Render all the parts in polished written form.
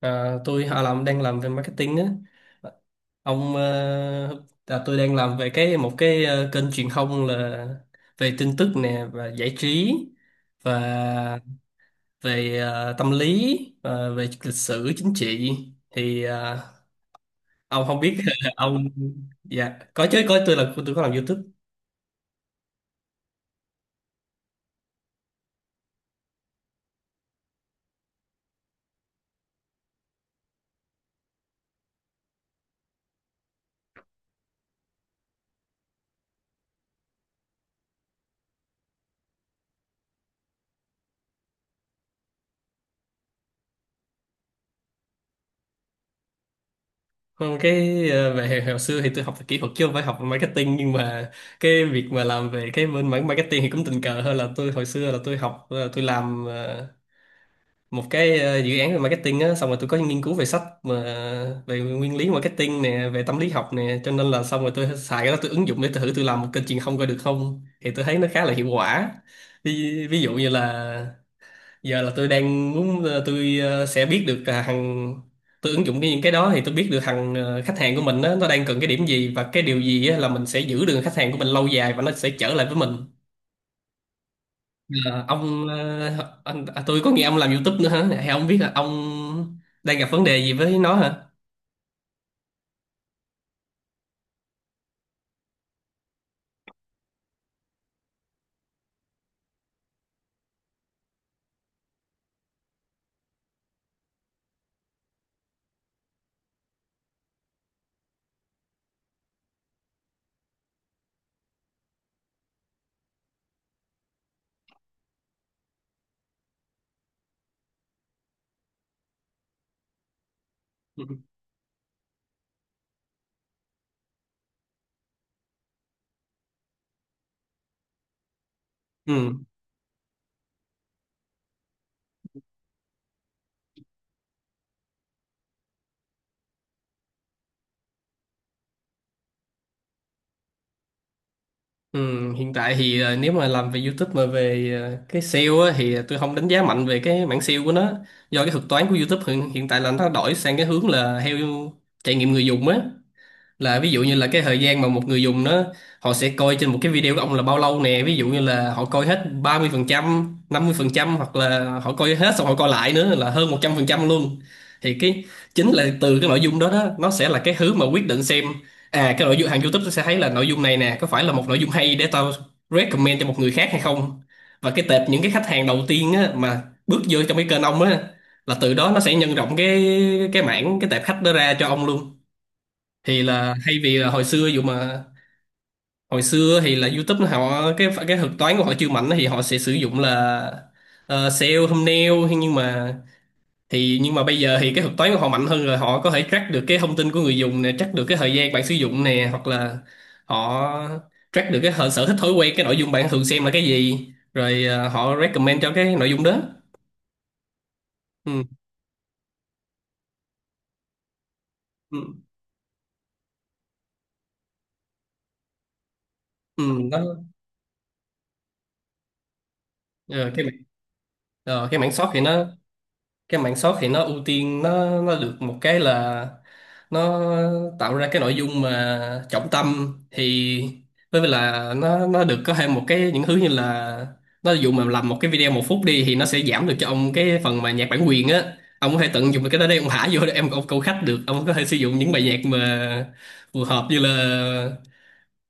Tôi họ làm đang làm về marketing á. Tôi đang làm về một kênh truyền thông là về tin tức nè và giải trí, và về tâm lý, và về lịch sử chính trị, thì ờ, ông không biết ông. Dạ có chứ, có, tôi có làm YouTube. Còn về hồi xưa thì tôi học về kỹ thuật chứ không phải học về marketing, nhưng mà cái việc mà làm về cái bên mảng marketing thì cũng tình cờ hơn. Là tôi Hồi xưa là tôi làm một dự án về marketing á, xong rồi tôi có nghiên cứu về sách mà về nguyên lý marketing nè, về tâm lý học nè. Cho nên là xong rồi tôi xài cái đó, tôi ứng dụng để tôi thử tôi làm một kênh truyền thông coi được không, thì tôi thấy nó khá là hiệu quả. Ví dụ như là giờ là tôi đang muốn sẽ biết được là hàng, tôi ứng dụng cái những cái đó thì tôi biết được khách hàng của mình á, nó đang cần cái điểm gì và cái điều gì á, là mình sẽ giữ được khách hàng của mình lâu dài và nó sẽ trở lại với mình. Ờ, ông ờ, anh, à, Tôi có nghe ông làm YouTube nữa hả? Hay ông biết là ông đang gặp vấn đề gì với nó hả? Ừ. Ừ. Ừ. Hiện tại thì nếu mà làm về YouTube mà về cái SEO á, thì tôi không đánh giá mạnh về cái mảng SEO của nó, do cái thuật toán của YouTube hiện tại là nó đổi sang cái hướng là theo trải nghiệm người dùng á. Là ví dụ như là cái thời gian mà một người dùng nó họ sẽ coi trên một cái video của ông là bao lâu nè, ví dụ như là họ coi hết ba mươi mươi phần trăm, năm mươi phần trăm, hoặc là họ coi hết xong họ coi lại nữa là hơn 100% luôn, thì cái chính là từ cái nội dung đó đó, nó sẽ là cái thứ mà quyết định xem à, cái nội dung hàng YouTube nó sẽ thấy là nội dung này nè có phải là một nội dung hay để tao recommend cho một người khác hay không. Và cái tệp những cái khách hàng đầu tiên á, mà bước vô trong cái kênh ông á, là từ đó nó sẽ nhân rộng cái mảng cái tệp khách đó ra cho ông luôn. Thì là thay vì là hồi xưa dụ mà hồi xưa thì là YouTube họ, cái thuật toán của họ chưa mạnh thì họ sẽ sử dụng là SEO thumbnail. Thế nhưng mà thì nhưng mà bây giờ thì cái thuật toán của họ mạnh hơn rồi, họ có thể track được cái thông tin của người dùng nè, track được cái thời gian bạn sử dụng nè, hoặc là họ track được sở thích thói quen cái nội dung bạn thường xem là cái gì, rồi họ recommend cho cái nội dung đó. Ừ. Ừ. Ừ. Nó ờ, cái mảng- cái mảng short thì nó, cái mảng short thì nó ưu tiên, nó được một cái là nó tạo ra cái nội dung mà trọng tâm, thì với lại là nó được có thêm một cái những thứ như là nó dụ mà làm một cái video một phút đi thì nó sẽ giảm được cho ông cái phần mà nhạc bản quyền á. Ông có thể tận dụng được cái đó, đây ông thả vô để em ông câu khách được, ông có thể sử dụng những bài nhạc mà phù hợp. Như là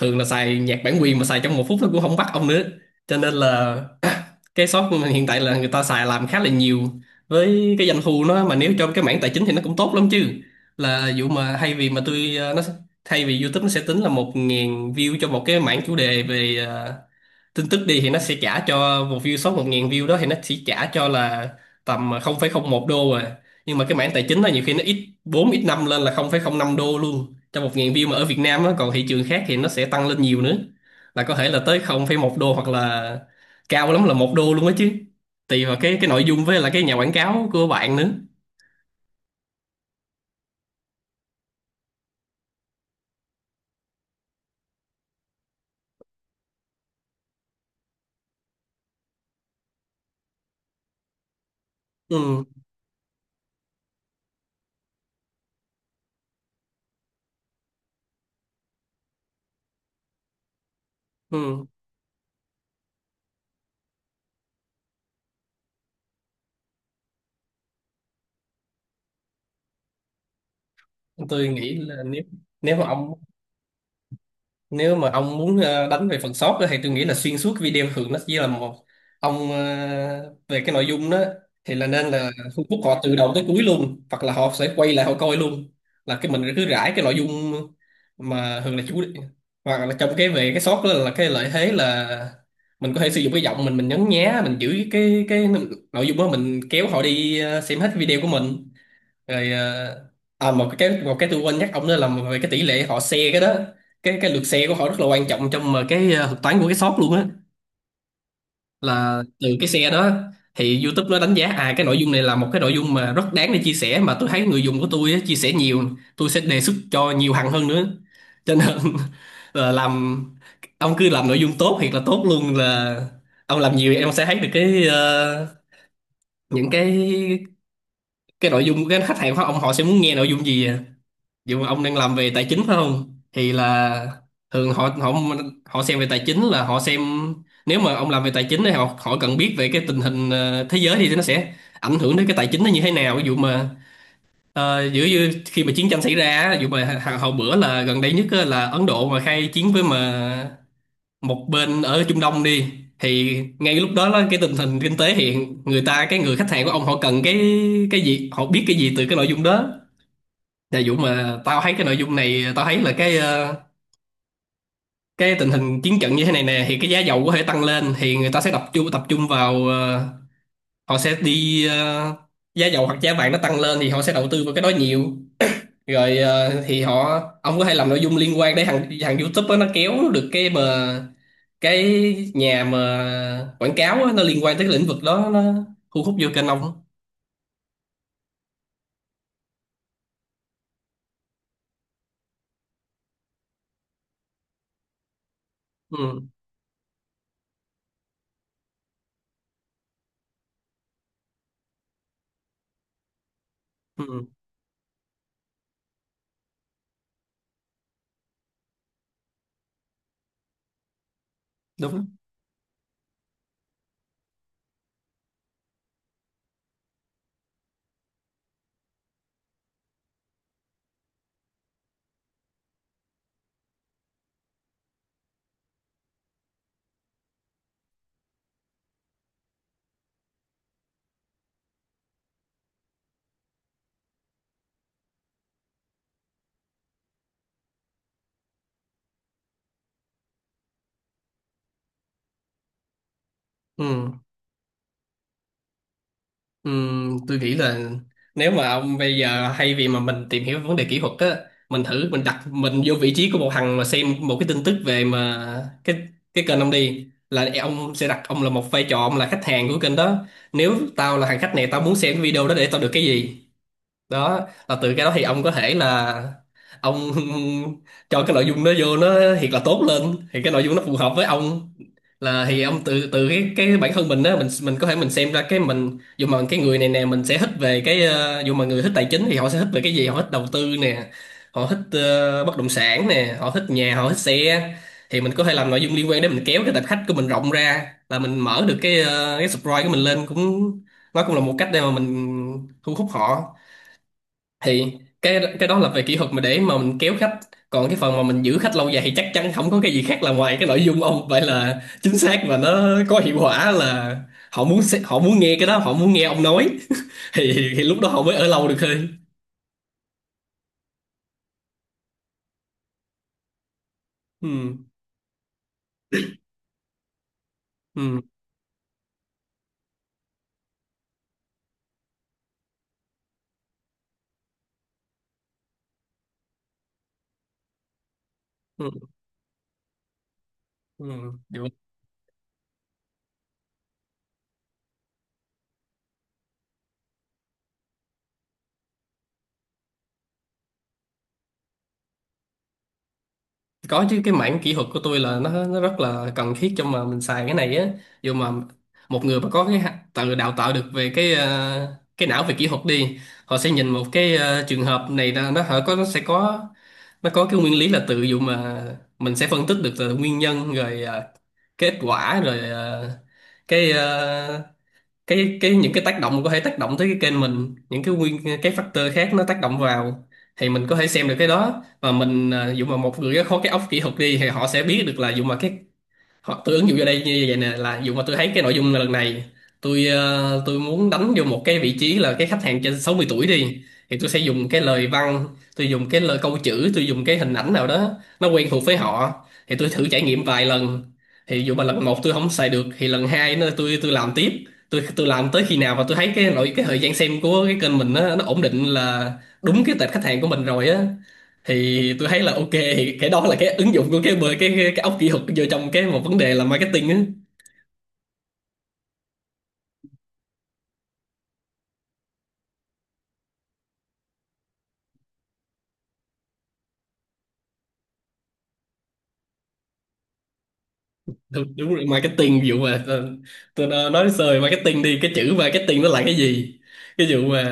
thường là xài nhạc bản quyền mà xài trong một phút nó cũng không bắt ông nữa, cho nên là cái shop của mình hiện tại là người ta xài làm khá là nhiều. Với cái doanh thu nó mà nếu trong cái mảng tài chính thì nó cũng tốt lắm chứ. Là vụ mà thay vì mà tôi ờ, nó thay vì YouTube nó sẽ tính là một ngàn view cho một cái mảng chủ đề về tin tức đi, thì nó sẽ trả cho một view số 1.000 view đó thì nó sẽ trả cho là tầm 0,01 đô à. Nhưng mà cái mảng tài chính đó nhiều khi nó ít 4 ít 5 lên là 0,05 đô luôn cho 1.000 view, mà ở Việt Nam á. Còn thị trường khác thì nó sẽ tăng lên nhiều nữa, là có thể là tới 0,1 đô, hoặc là cao lắm là một đô luôn á chứ, tùy vào cái nội dung với là cái nhà quảng cáo của bạn nữa. Ừ. Ừ. tôi nghĩ là nếu nếu mà ông Nếu mà ông muốn đánh về phần sót á, thì tôi nghĩ là xuyên suốt video thường nó chỉ là một, ông về cái nội dung đó thì là nên là thu hút họ từ đầu tới cuối luôn, hoặc là họ sẽ quay lại họ coi luôn. Là cái mình cứ rải cái nội dung mà thường là chủ, hoặc là trong cái về cái sót đó, là cái lợi thế là mình có thể sử dụng cái giọng mình nhấn nhá, mình giữ cái nội dung đó, mình kéo họ đi xem hết video của mình. Rồi ờ, à Một cái, tôi quên nhắc ông nữa là về cái tỷ lệ họ share cái đó, cái lượt share của họ rất là quan trọng trong thuật toán của cái shop luôn á. Là từ cái share đó thì YouTube nó đánh giá à, cái nội dung này là một cái nội dung mà rất đáng để chia sẻ, mà tôi thấy người dùng của tôi á, chia sẻ nhiều, tôi sẽ đề xuất cho nhiều hàng hơn nữa. Cho nên là làm, ông cứ làm nội dung tốt thiệt là tốt luôn, là ông làm nhiều em sẽ thấy được những cái nội dung của cái khách hàng của ông họ sẽ muốn nghe nội dung gì à. Dù mà ông đang làm về tài chính phải không, thì là thường họ họ họ xem về tài chính là họ xem, nếu mà ông làm về tài chính thì họ họ cần biết về cái tình hình thế giới, thì nó sẽ ảnh hưởng đến cái tài chính nó như thế nào. Ví dụ mà giữa như khi mà chiến tranh xảy ra á, ví dụ mà hồi bữa là gần đây nhất á, là Ấn Độ mà khai chiến với mà một bên ở Trung Đông đi, thì ngay lúc đó là cái tình hình kinh tế hiện, người ta cái người khách hàng của ông họ cần cái gì họ biết cái gì từ cái nội dung đó. Dạ Dũng mà tao thấy cái nội dung này, tao thấy là cái tình hình chiến trận như thế này nè thì cái giá dầu có thể tăng lên, thì người ta sẽ tập trung vào họ sẽ đi giá dầu hoặc giá vàng nó tăng lên thì họ sẽ đầu tư vào cái đó nhiều. Thì họ, ông có thể làm nội dung liên quan để thằng thằng YouTube á, nó kéo được cái mà cái nhà mà quảng cáo á, nó liên quan tới cái lĩnh vực đó nó thu hút vô kênh ông. Ừ, ừ, đúng ừ. Tôi nghĩ là nếu mà ông bây giờ hay vì mà mình tìm hiểu vấn đề kỹ thuật á, mình thử mình đặt mình vô vị trí của một thằng mà xem một cái tin tức về mà cái cái kênh ông đi, là ông sẽ đặt ông là một vai trò, ông là khách hàng của kênh đó. Nếu tao là thằng khách này, tao muốn xem cái video đó để tao được cái gì. Đó là từ cái đó thì ông có thể là ông cho cái nội dung nó vô, nó thiệt là tốt lên, thì cái nội dung nó phù hợp với ông. Là thì ông từ từ cái bản thân mình á, mình có thể mình xem ra cái mình, dù mà cái người này nè mình sẽ thích về cái dù mà người thích tài chính thì họ sẽ thích về cái gì, họ thích đầu tư nè, họ thích bất động sản nè, họ thích nhà, họ thích xe, thì mình có thể làm nội dung liên quan để mình kéo cái tập khách của mình rộng ra, là mình mở được cái cái subscribe của mình lên cũng, nó cũng là một cách để mà mình thu hút họ. Thì cái đó là về kỹ thuật mà để mà mình kéo khách. Còn cái phần mà mình giữ khách lâu dài thì chắc chắn không có cái gì khác là ngoài cái nội dung ông vậy là chính xác và nó có hiệu quả, là họ muốn nghe cái đó, họ muốn nghe ông nói. Thì lúc đó họ mới ở lâu được thôi. Ừ, ừ, ừ, ừ, được. Có chứ, cái mảng kỹ thuật của tôi là nó rất là cần thiết cho mà mình xài cái này á. Dù mà một người mà có cái tự đào tạo được về cái cái não về kỹ thuật đi, họ sẽ nhìn một cái trường hợp này là nó họ có, nó sẽ có, nó có cái nguyên lý là tự, dụ mà mình sẽ phân tích được là nguyên nhân rồi à, kết quả rồi à, cái à, cái những cái tác động có thể tác động tới cái kênh mình, những cái nguyên, cái factor khác nó tác động vào, thì mình có thể xem được cái đó. Và mình à, dụ mà một người có cái óc kỹ thuật đi thì họ sẽ biết được, là dụ mà cái, hoặc tôi ứng dụng vô đây như vậy nè, là dù mà tôi thấy cái nội dung lần này, tôi muốn đánh vô một cái vị trí là cái khách hàng trên 60 tuổi đi, thì tôi sẽ dùng cái lời văn, tôi dùng cái lời câu chữ, tôi dùng cái hình ảnh nào đó nó quen thuộc với họ, thì tôi thử trải nghiệm vài lần. Thì dù mà lần một tôi không xài được thì lần hai nó tôi làm tiếp, tôi làm tới khi nào mà tôi thấy cái cái thời gian xem của cái kênh mình nó ổn định, là đúng cái tệp khách hàng của mình rồi á, thì tôi thấy là ok, thì cái đó là cái ứng dụng của cái bờ cái, cái óc kỹ thuật vô trong cái một vấn đề là marketing á. Đúng, đúng rồi, marketing, ví dụ mà tôi nói sơ về marketing đi, cái chữ marketing nó là cái gì, cái dụ mà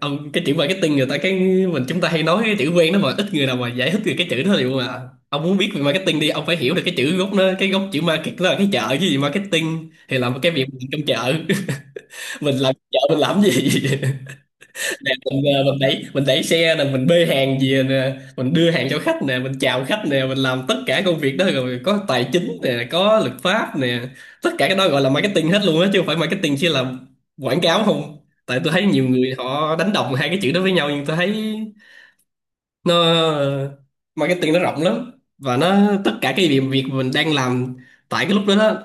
ông, cái chữ marketing người ta cái, mình chúng ta hay nói cái chữ quen đó mà ít người nào mà giải thích được cái chữ đó. Liệu mà ông muốn biết về marketing đi, ông phải hiểu được cái chữ gốc nó, cái gốc chữ market là cái chợ chứ gì, marketing thì là cái việc mình trong chợ. Mình làm chợ mình làm gì, nè mình mình đẩy xe nè, mình bê hàng về nè, mình đưa hàng cho khách nè, mình chào khách nè, mình làm tất cả công việc đó, rồi có tài chính nè, có luật pháp nè, tất cả cái đó gọi là marketing hết luôn á, chứ không phải marketing chỉ là quảng cáo không. Tại tôi thấy nhiều người họ đánh đồng hai cái chữ đó với nhau, nhưng tôi thấy nó, marketing nó rộng lắm, và nó tất cả cái việc việc mình đang làm tại cái lúc đó đó,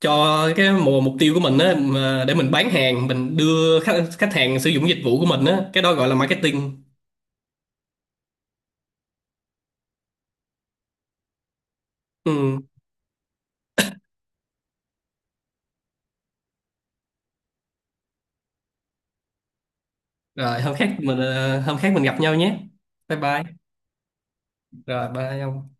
cho cái mục mục tiêu của mình á, mà để mình bán hàng, mình đưa khách khách hàng sử dụng dịch vụ của mình á, cái đó gọi là marketing. Ừ. Rồi hôm khác mình gặp nhau nhé. Bye bye. Rồi bye ông.